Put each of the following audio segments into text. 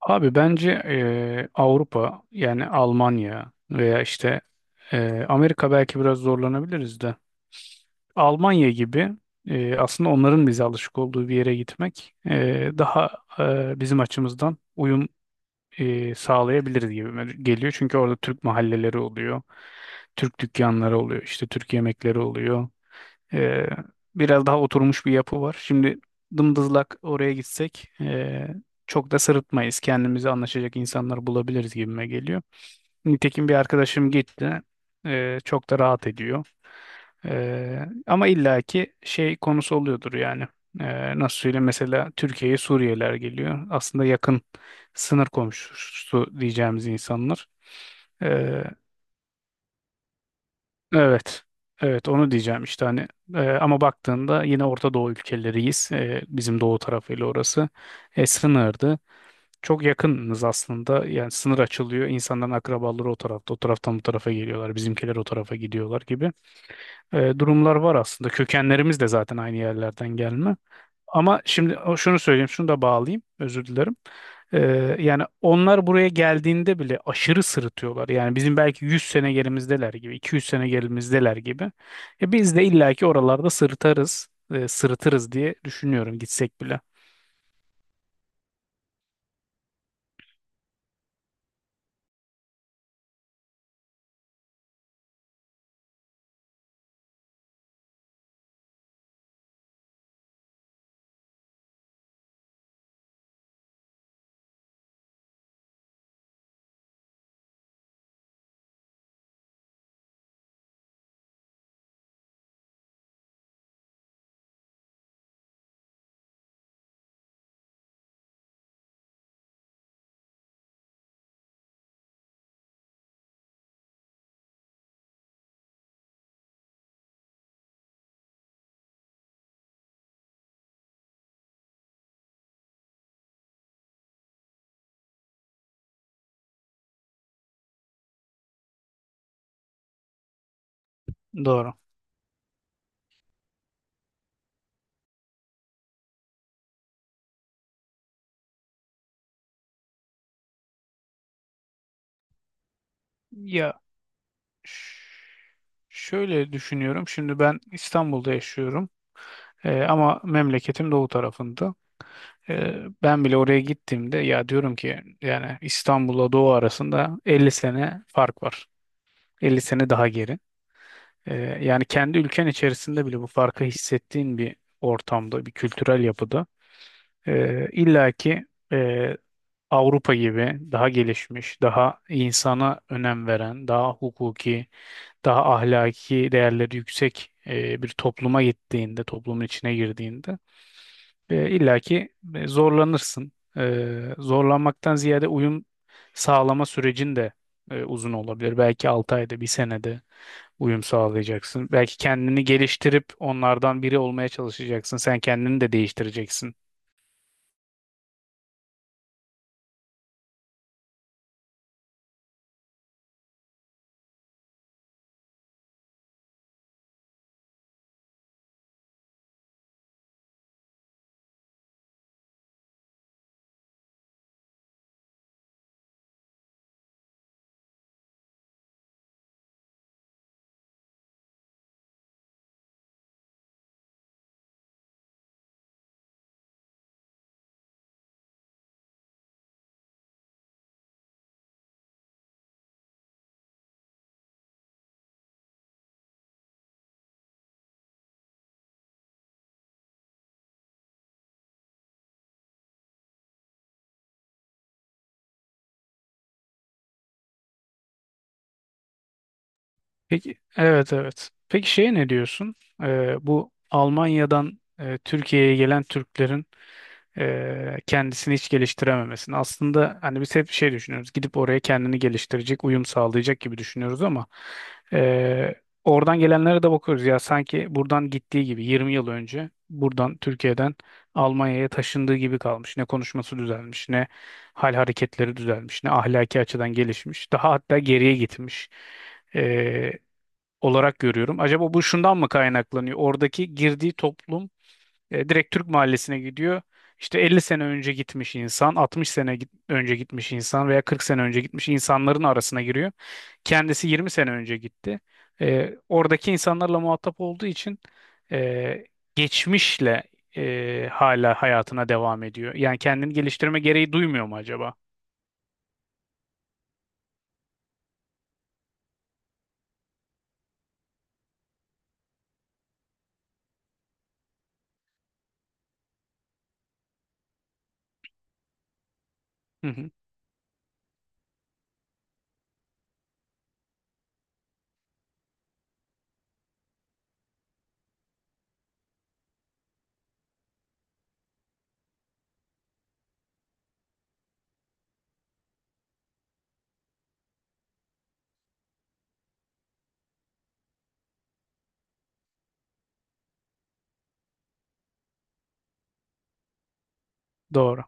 Abi bence Avrupa, yani Almanya veya Amerika, belki biraz zorlanabiliriz de. Almanya gibi, aslında onların bize alışık olduğu bir yere gitmek, daha, bizim açımızdan uyum sağlayabiliriz gibi geliyor. Çünkü orada Türk mahalleleri oluyor, Türk dükkanları oluyor, işte Türk yemekleri oluyor. Ee, Biraz daha oturmuş bir yapı var. Şimdi dımdızlak oraya gitsek çok da sırıtmayız. Kendimizi anlaşacak insanlar bulabiliriz gibime geliyor. Nitekim bir arkadaşım gitti. Çok da rahat ediyor. Ee, Ama illaki şey konusu oluyordur yani. Nasıl söyleyeyim, mesela Türkiye'ye Suriyeliler geliyor. Aslında yakın sınır komşusu diyeceğimiz insanlar. Ee, Evet. Evet, onu diyeceğim işte. Ama baktığında yine Orta Doğu ülkeleriyiz. E, bizim doğu tarafıyla orası. Sınırdı. Çok yakınız aslında. Yani sınır açılıyor. İnsanların akrabaları o tarafta. O taraftan bu tarafa geliyorlar. Bizimkiler o tarafa gidiyorlar gibi durumlar var aslında. Kökenlerimiz de zaten aynı yerlerden gelme. Ama şimdi şunu söyleyeyim, şunu da bağlayayım, özür dilerim. Ee, Yani onlar buraya geldiğinde bile aşırı sırıtıyorlar. Yani bizim belki 100 sene gerimizdeler gibi, 200 sene gerimizdeler gibi. E, biz de illaki oralarda sırıtarız, sırıtırız diye düşünüyorum gitsek bile. Doğru. Ya ş- Şöyle düşünüyorum. Şimdi ben İstanbul'da yaşıyorum. Ama memleketim doğu tarafında. Ben bile oraya gittiğimde ya diyorum ki, yani İstanbul'la Doğu arasında 50 sene fark var. 50 sene daha geri. Ee, Yani kendi ülken içerisinde bile bu farkı hissettiğin bir ortamda, bir kültürel yapıda, illaki, e, Avrupa gibi daha gelişmiş, daha insana önem veren, daha hukuki, daha ahlaki değerleri yüksek bir topluma gittiğinde, toplumun içine girdiğinde, illa ki, zorlanırsın. Zorlanmaktan ziyade uyum sağlama sürecin de uzun olabilir. Belki 6 ayda, bir senede uyum sağlayacaksın. Belki kendini geliştirip onlardan biri olmaya çalışacaksın. Sen kendini de değiştireceksin. Peki, evet evet. Peki, şeye ne diyorsun? E, bu Almanya'dan Türkiye'ye gelen Türklerin kendisini hiç geliştirememesini. Aslında hani biz hep şey düşünüyoruz. Gidip oraya kendini geliştirecek, uyum sağlayacak gibi düşünüyoruz ama e, oradan gelenlere de bakıyoruz. Ya sanki buradan gittiği gibi, 20 yıl önce buradan Türkiye'den Almanya'ya taşındığı gibi kalmış. Ne konuşması düzelmiş, ne hal hareketleri düzelmiş, ne ahlaki açıdan gelişmiş. Daha hatta geriye gitmiş. E, Olarak görüyorum. Acaba bu şundan mı kaynaklanıyor? Oradaki girdiği toplum, direkt Türk mahallesine gidiyor. İşte 50 sene önce gitmiş insan, 60 önce gitmiş insan veya 40 sene önce gitmiş insanların arasına giriyor. Kendisi 20 sene önce gitti. E, oradaki insanlarla muhatap olduğu için, e, geçmişle, hala hayatına devam ediyor. Yani kendini geliştirme gereği duymuyor mu acaba? Hı hı, doğru.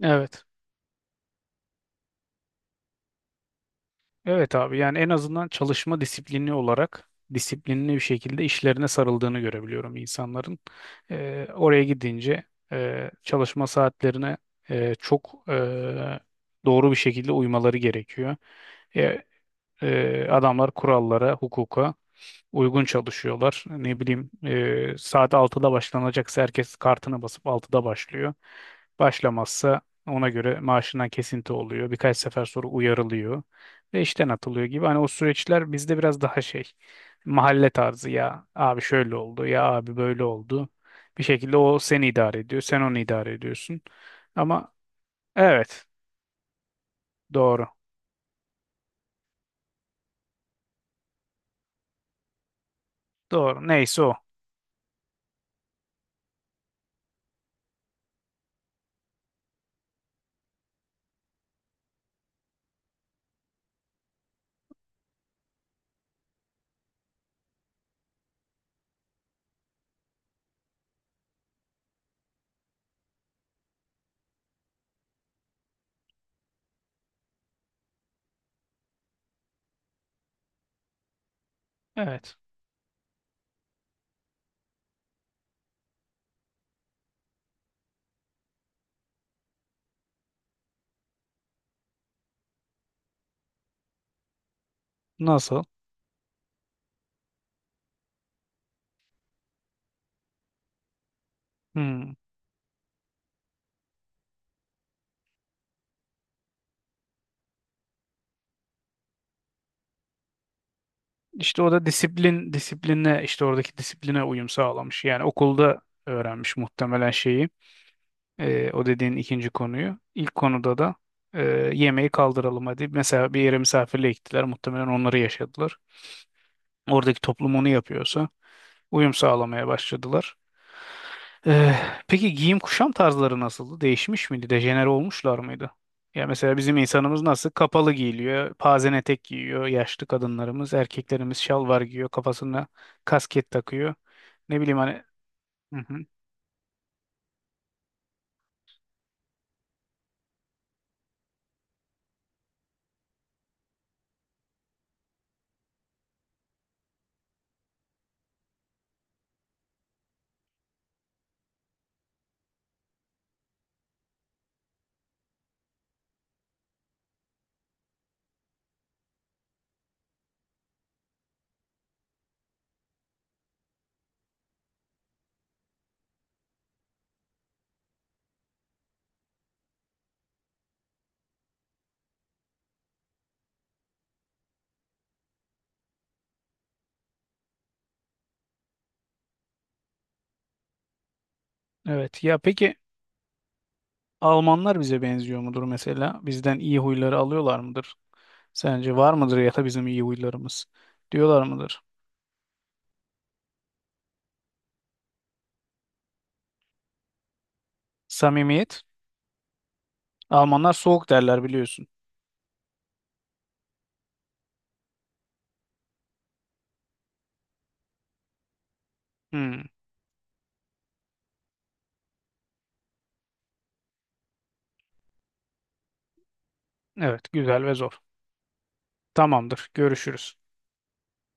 Evet. Evet abi, yani en azından çalışma disiplini olarak disiplinli bir şekilde işlerine sarıldığını görebiliyorum insanların. Oraya gidince, çalışma saatlerine, çok, doğru bir şekilde uymaları gerekiyor. E, Adamlar kurallara, hukuka uygun çalışıyorlar. Ne bileyim, saat altıda başlanacaksa herkes kartına basıp altıda başlıyor. Başlamazsa ona göre maaşından kesinti oluyor. Birkaç sefer sonra uyarılıyor ve işten atılıyor gibi. Hani o süreçler bizde biraz daha şey, mahalle tarzı, ya abi şöyle oldu ya abi böyle oldu. Bir şekilde o seni idare ediyor, sen onu idare ediyorsun. Ama evet, doğru doğru, neyse o. Evet. Nasıl? Hmm. İşte o da disiplin, disipline, işte oradaki disipline uyum sağlamış. Yani okulda öğrenmiş muhtemelen şeyi. O dediğin ikinci konuyu. İlk konuda da, e, yemeği kaldıralım hadi. Mesela bir yere misafirliğe gittiler. Muhtemelen onları yaşadılar. Oradaki toplum onu yapıyorsa uyum sağlamaya başladılar. Eh, peki giyim kuşam tarzları nasıldı? Değişmiş miydi? Dejenere olmuşlar mıydı? Ya mesela bizim insanımız nasıl? Kapalı giyiliyor, pazen etek giyiyor, yaşlı kadınlarımız, erkeklerimiz şalvar giyiyor, kafasına kasket takıyor. Ne bileyim hani. Hı hı. Evet. Ya peki Almanlar bize benziyor mudur mesela? Bizden iyi huyları alıyorlar mıdır? Sence var mıdır, ya da bizim iyi huylarımız? Diyorlar mıdır? Samimiyet. Almanlar soğuk derler, biliyorsun. Hmm. Evet, güzel ve zor. Tamamdır. Görüşürüz.